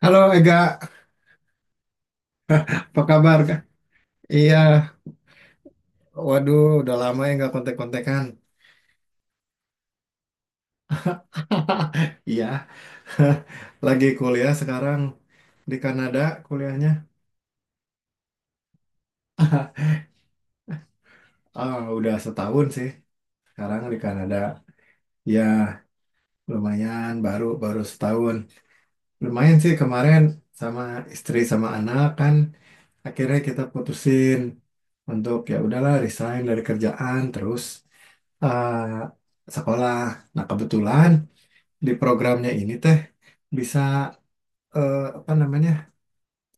Halo Ega, apa kabar Kak? Iya, waduh udah lama ya nggak kontek-kontekan. Iya, lagi kuliah sekarang di Kanada kuliahnya. Ah, udah setahun sih sekarang di Kanada. Ya, lumayan baru baru setahun. Lumayan sih kemarin sama istri sama anak kan akhirnya kita putusin untuk ya udahlah resign dari kerjaan terus eh, sekolah. Nah, kebetulan di programnya ini teh bisa, apa namanya,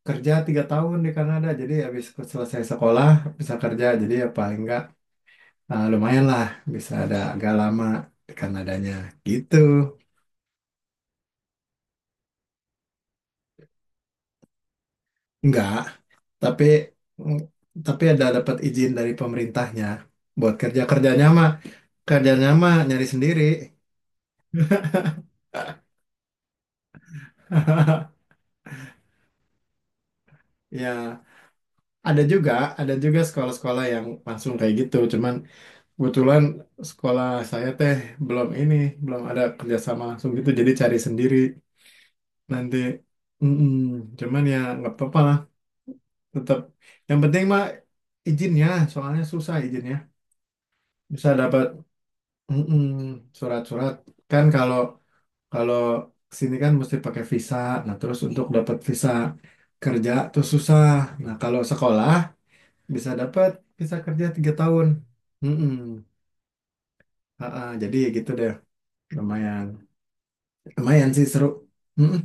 kerja 3 tahun di Kanada, jadi habis selesai sekolah bisa kerja. Jadi ya paling nggak, lumayan lah bisa ada agak lama di Kanadanya gitu. Nggak, tapi mm, tapi ada dapat izin dari pemerintahnya buat kerja. Kerjanya mah, nyari sendiri. Ya, ada juga, sekolah-sekolah yang langsung kayak gitu, cuman kebetulan sekolah saya teh, belum ini, belum ada kerjasama langsung gitu, jadi cari sendiri nanti. Mm-mm. Cuman ya nggak apa-apa lah, tetap. Yang penting mah izinnya, soalnya susah izinnya. Bisa dapat, mm-mm, surat-surat. Kan kalau, kalau sini kan mesti pakai visa. Nah terus untuk dapat visa kerja tuh susah. Nah kalau sekolah bisa dapat visa kerja 3 tahun. Mm-mm. Jadi gitu deh, lumayan. Lumayan sih seru. Mm-mm.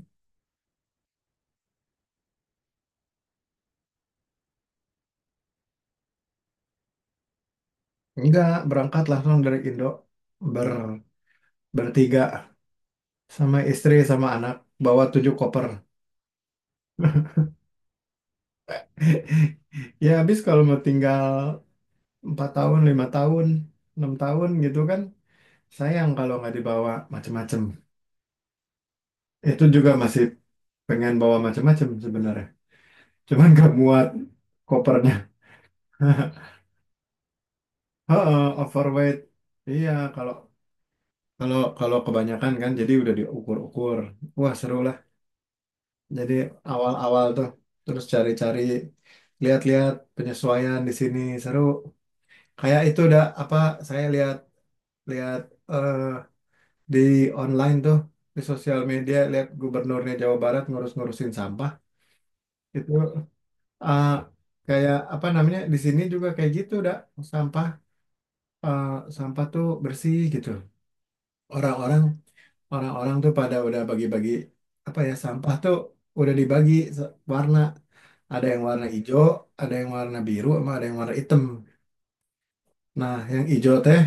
Enggak, berangkat langsung dari Indo. Ber, Bertiga. Sama istri, sama anak. Bawa tujuh koper. Ya, habis kalau mau tinggal 4 tahun, 5 tahun, 6 tahun gitu kan. Sayang kalau nggak dibawa macem-macem. Itu juga masih pengen bawa macem-macem sebenarnya. Cuman nggak muat kopernya. Heeh, overweight. Iya, kalau kalau kalau kebanyakan kan jadi udah diukur-ukur. Wah, seru. Jadi awal-awal tuh terus cari-cari, lihat-lihat penyesuaian di sini seru. Kayak itu udah apa, saya lihat-lihat, eh, di online tuh, di sosial media, lihat gubernurnya Jawa Barat ngurus-ngurusin sampah itu. eh, Kayak apa namanya, di sini juga kayak gitu, udah sampah, eh, sampah tuh bersih gitu. Orang-orang, tuh pada udah bagi-bagi, apa ya, sampah tuh udah dibagi warna. Ada yang warna hijau, ada yang warna biru, sama ada yang warna hitam. Nah yang hijau teh,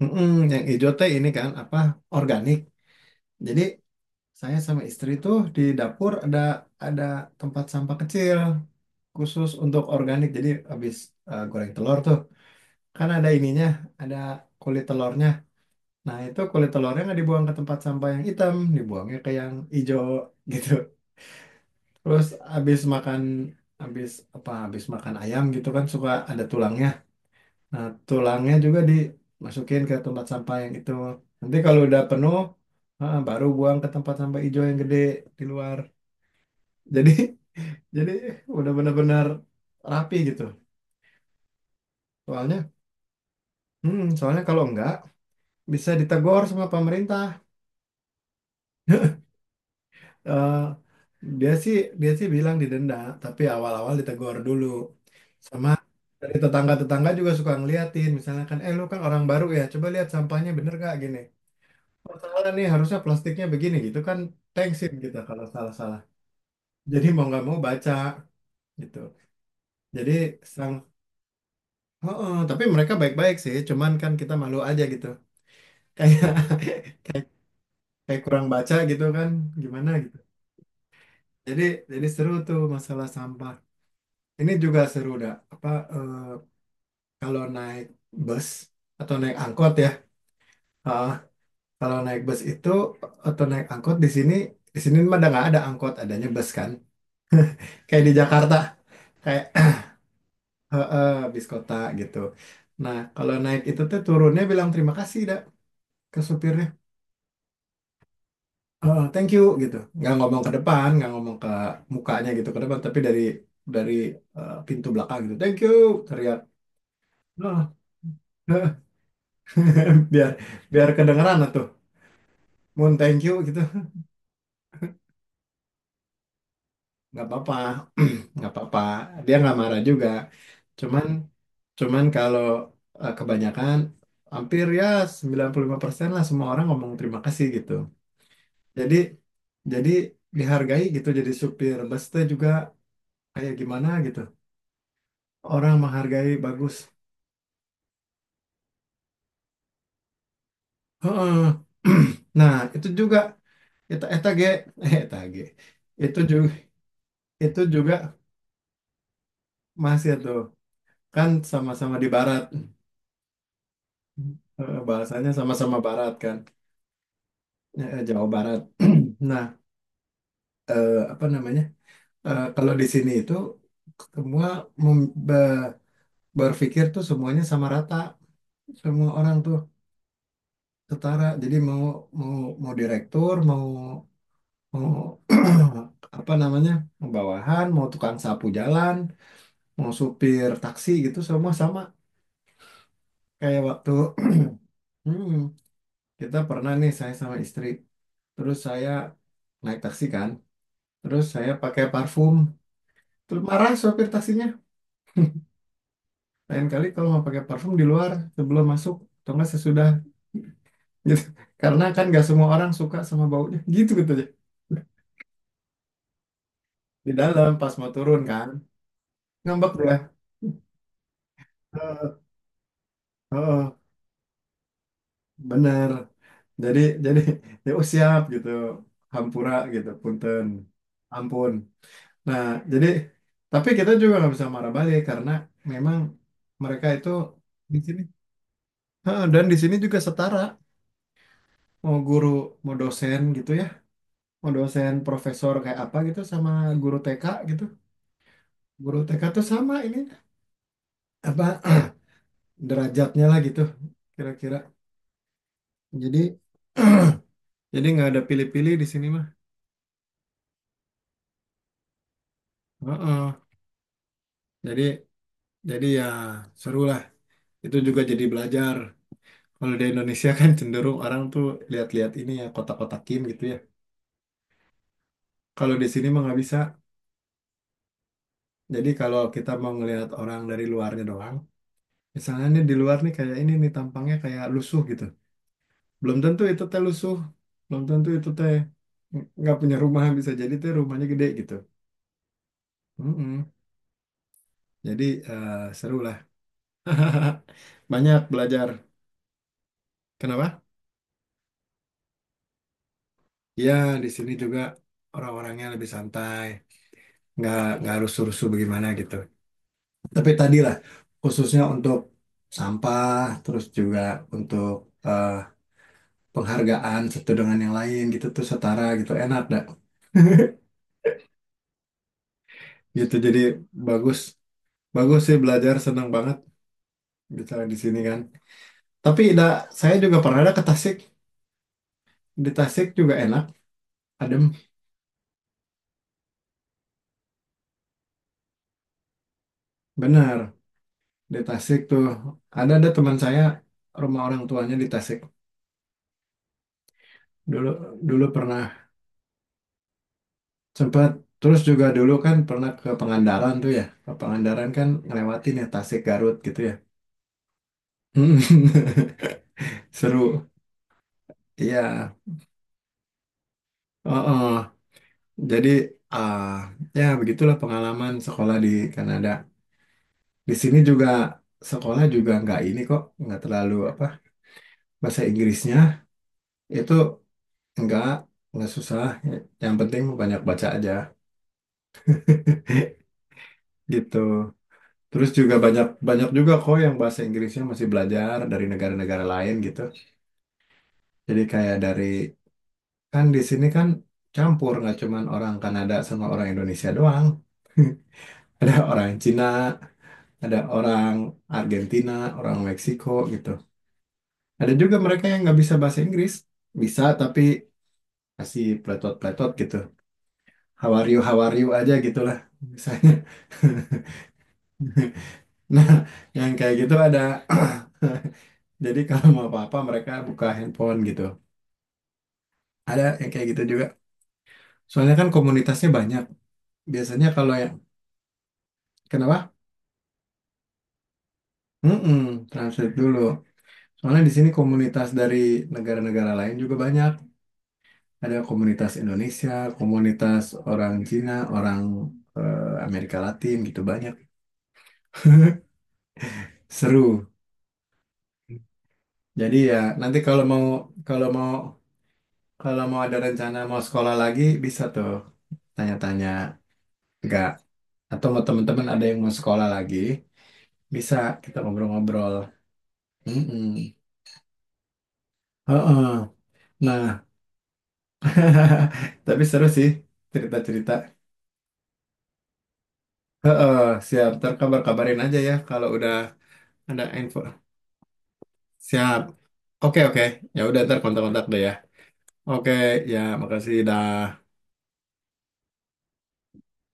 ini kan apa, organik. Jadi saya sama istri tuh di dapur ada, ada tempat sampah kecil khusus untuk organik. Jadi habis, goreng telur tuh kan ada ininya, ada kulit telurnya. Nah itu kulit telurnya nggak dibuang ke tempat sampah yang hitam, dibuangnya ke yang hijau. Gitu. Terus abis makan, abis apa abis makan ayam gitu kan suka ada tulangnya. Nah, tulangnya juga dimasukin ke tempat sampah yang itu. Nanti kalau udah penuh, baru buang ke tempat sampah hijau yang gede di luar. Jadi jadi udah benar-benar rapi gitu. Soalnya, hmm, soalnya kalau enggak bisa ditegur sama pemerintah. Eh, dia sih, dia sih bilang didenda, tapi awal-awal ditegur dulu. Sama dari tetangga-tetangga juga suka ngeliatin, misalnya kan, "Eh lu kan orang baru ya, coba lihat sampahnya bener gak gini, oh, salah nih, harusnya plastiknya begini," gitu kan. Thanksin kita kalau salah-salah, jadi mau nggak mau baca gitu. Jadi sang oh, tapi mereka baik-baik sih, cuman kan kita malu aja gitu. kayak kayak kurang baca gitu kan, gimana gitu. Jadi jadi seru tuh masalah sampah. Ini juga seru dah apa, eh, kalau naik bus atau naik angkot ya, eh, kalau naik bus itu atau naik angkot di sini, mah ada, nggak ada angkot, adanya bus kan. Kayak di Jakarta, kayak heeh, bis kota gitu. Nah, kalau naik itu tuh turunnya bilang terima kasih dah ke supirnya. Heeh, thank you gitu. Nggak ngomong ke depan, nggak ngomong ke mukanya gitu ke depan, tapi dari, dari pintu belakang gitu. Thank you, teriak. Heeh, biar biar kedengeran lah tuh. Mun thank you gitu nggak apa-apa, nggak apa-apa, dia nggak marah juga. Cuman, kalau, kebanyakan, hampir ya 95% lah, semua orang ngomong terima kasih gitu. Jadi jadi dihargai gitu. Jadi supir bus teh juga kayak gimana gitu, orang menghargai bagus. Heeh. Nah itu juga, eta eta ge eta ge, itu juga itu juga masih tuh, kan sama-sama di barat. Bahasanya sama-sama barat kan, Jawa Barat. Nah, apa namanya? Kalau di sini itu semua mem- be- berpikir tuh semuanya sama rata. Semua orang tuh setara. Jadi mau, mau mau direktur, mau, mau apa namanya, mau bawahan, mau tukang sapu jalan, mau supir taksi gitu, semua sama. Kayak waktu hmm, kita pernah nih, saya sama istri, terus saya naik taksi kan, terus saya pakai parfum, terus marah sopir taksinya. "Lain kali kalau mau pakai parfum di luar sebelum masuk atau enggak sesudah," gitu. Karena kan nggak semua orang suka sama baunya, gitu gitu aja. Di dalam pas mau turun kan, ngambek ya. Eh, Oh, bener. Jadi jadi ya, oh, siap gitu. Hampura gitu, punten. Ampun. Nah, jadi tapi kita juga nggak bisa marah balik, karena memang mereka itu di sini. Heeh, dan di sini juga setara. Mau guru, mau dosen gitu ya, mau dosen profesor kayak apa gitu, sama guru TK gitu, guru TK tuh sama ini, apa, derajatnya lah gitu kira-kira. Jadi jadi nggak ada pilih-pilih di sini mah. Heeh. jadi jadi ya, seru lah. Itu juga jadi belajar, kalau di Indonesia kan cenderung orang tuh lihat-lihat ini ya, kotak-kotakin gitu ya. Kalau di sini mah nggak bisa. Jadi kalau kita mau ngelihat orang dari luarnya doang, misalnya nih, di luar nih kayak ini nih tampangnya kayak lusuh gitu, belum tentu itu teh lusuh, belum tentu itu teh nggak punya rumah, bisa jadi teh rumahnya gede gitu. Mm-mm. Jadi, seru lah, banyak belajar kenapa ya. Di sini juga orang-orangnya lebih santai, nggak rusuh-rusuh bagaimana gitu. Tapi tadi lah, khususnya untuk sampah, terus juga untuk, eh, penghargaan satu dengan yang lain gitu tuh setara gitu, enak dah gitu. Jadi bagus, bagus sih belajar, senang banget bisa di sini kan. Tapi da, saya juga pernah ada ke Tasik. Di Tasik juga enak, adem, bener. Di Tasik tuh ada, teman saya rumah orang tuanya di Tasik. Dulu, pernah sempat, terus juga dulu kan pernah ke Pangandaran tuh ya. Ke Pangandaran kan ngelewatin ya Tasik Garut gitu ya. Seru. Iya. Oh, oh. Jadi, ah, ya begitulah pengalaman sekolah di Kanada. Di sini juga sekolah juga nggak ini kok, nggak terlalu apa bahasa Inggrisnya. Itu enggak, enggak susah. Yang penting banyak baca aja, gitu. Terus juga banyak banyak juga kok yang bahasa Inggrisnya masih belajar dari negara-negara lain gitu. Jadi kayak, kan di sini kan campur, nggak cuman orang Kanada sama orang Indonesia doang. Ada orang Cina, ada orang Argentina, orang Meksiko gitu. Ada juga mereka yang nggak bisa bahasa Inggris, bisa tapi masih pletot-pletot gitu. "How are you, how are you" aja gitulah misalnya. Nah, yang kayak gitu ada. Jadi kalau mau apa-apa mereka buka handphone gitu. Ada yang kayak gitu juga. Soalnya kan komunitasnya banyak. Biasanya kalau yang, kenapa? Mm-mm, translate dulu. Soalnya di sini komunitas dari negara-negara lain juga banyak. Ada komunitas Indonesia, komunitas orang Cina, orang, Amerika Latin gitu banyak. Seru. Jadi ya nanti kalau mau kalau mau ada rencana mau sekolah lagi bisa tuh tanya-tanya. Enggak, atau mau teman-teman ada yang mau sekolah lagi bisa kita ngobrol-ngobrol. Mm-mm. Heeh. Nah, tapi seru sih cerita-cerita. Heeh, siap ntar kabar-kabarin aja ya kalau udah ada info. Siap. Oke oke, ya udah ntar kontak-kontak deh ya. Oke. Ya makasih dah.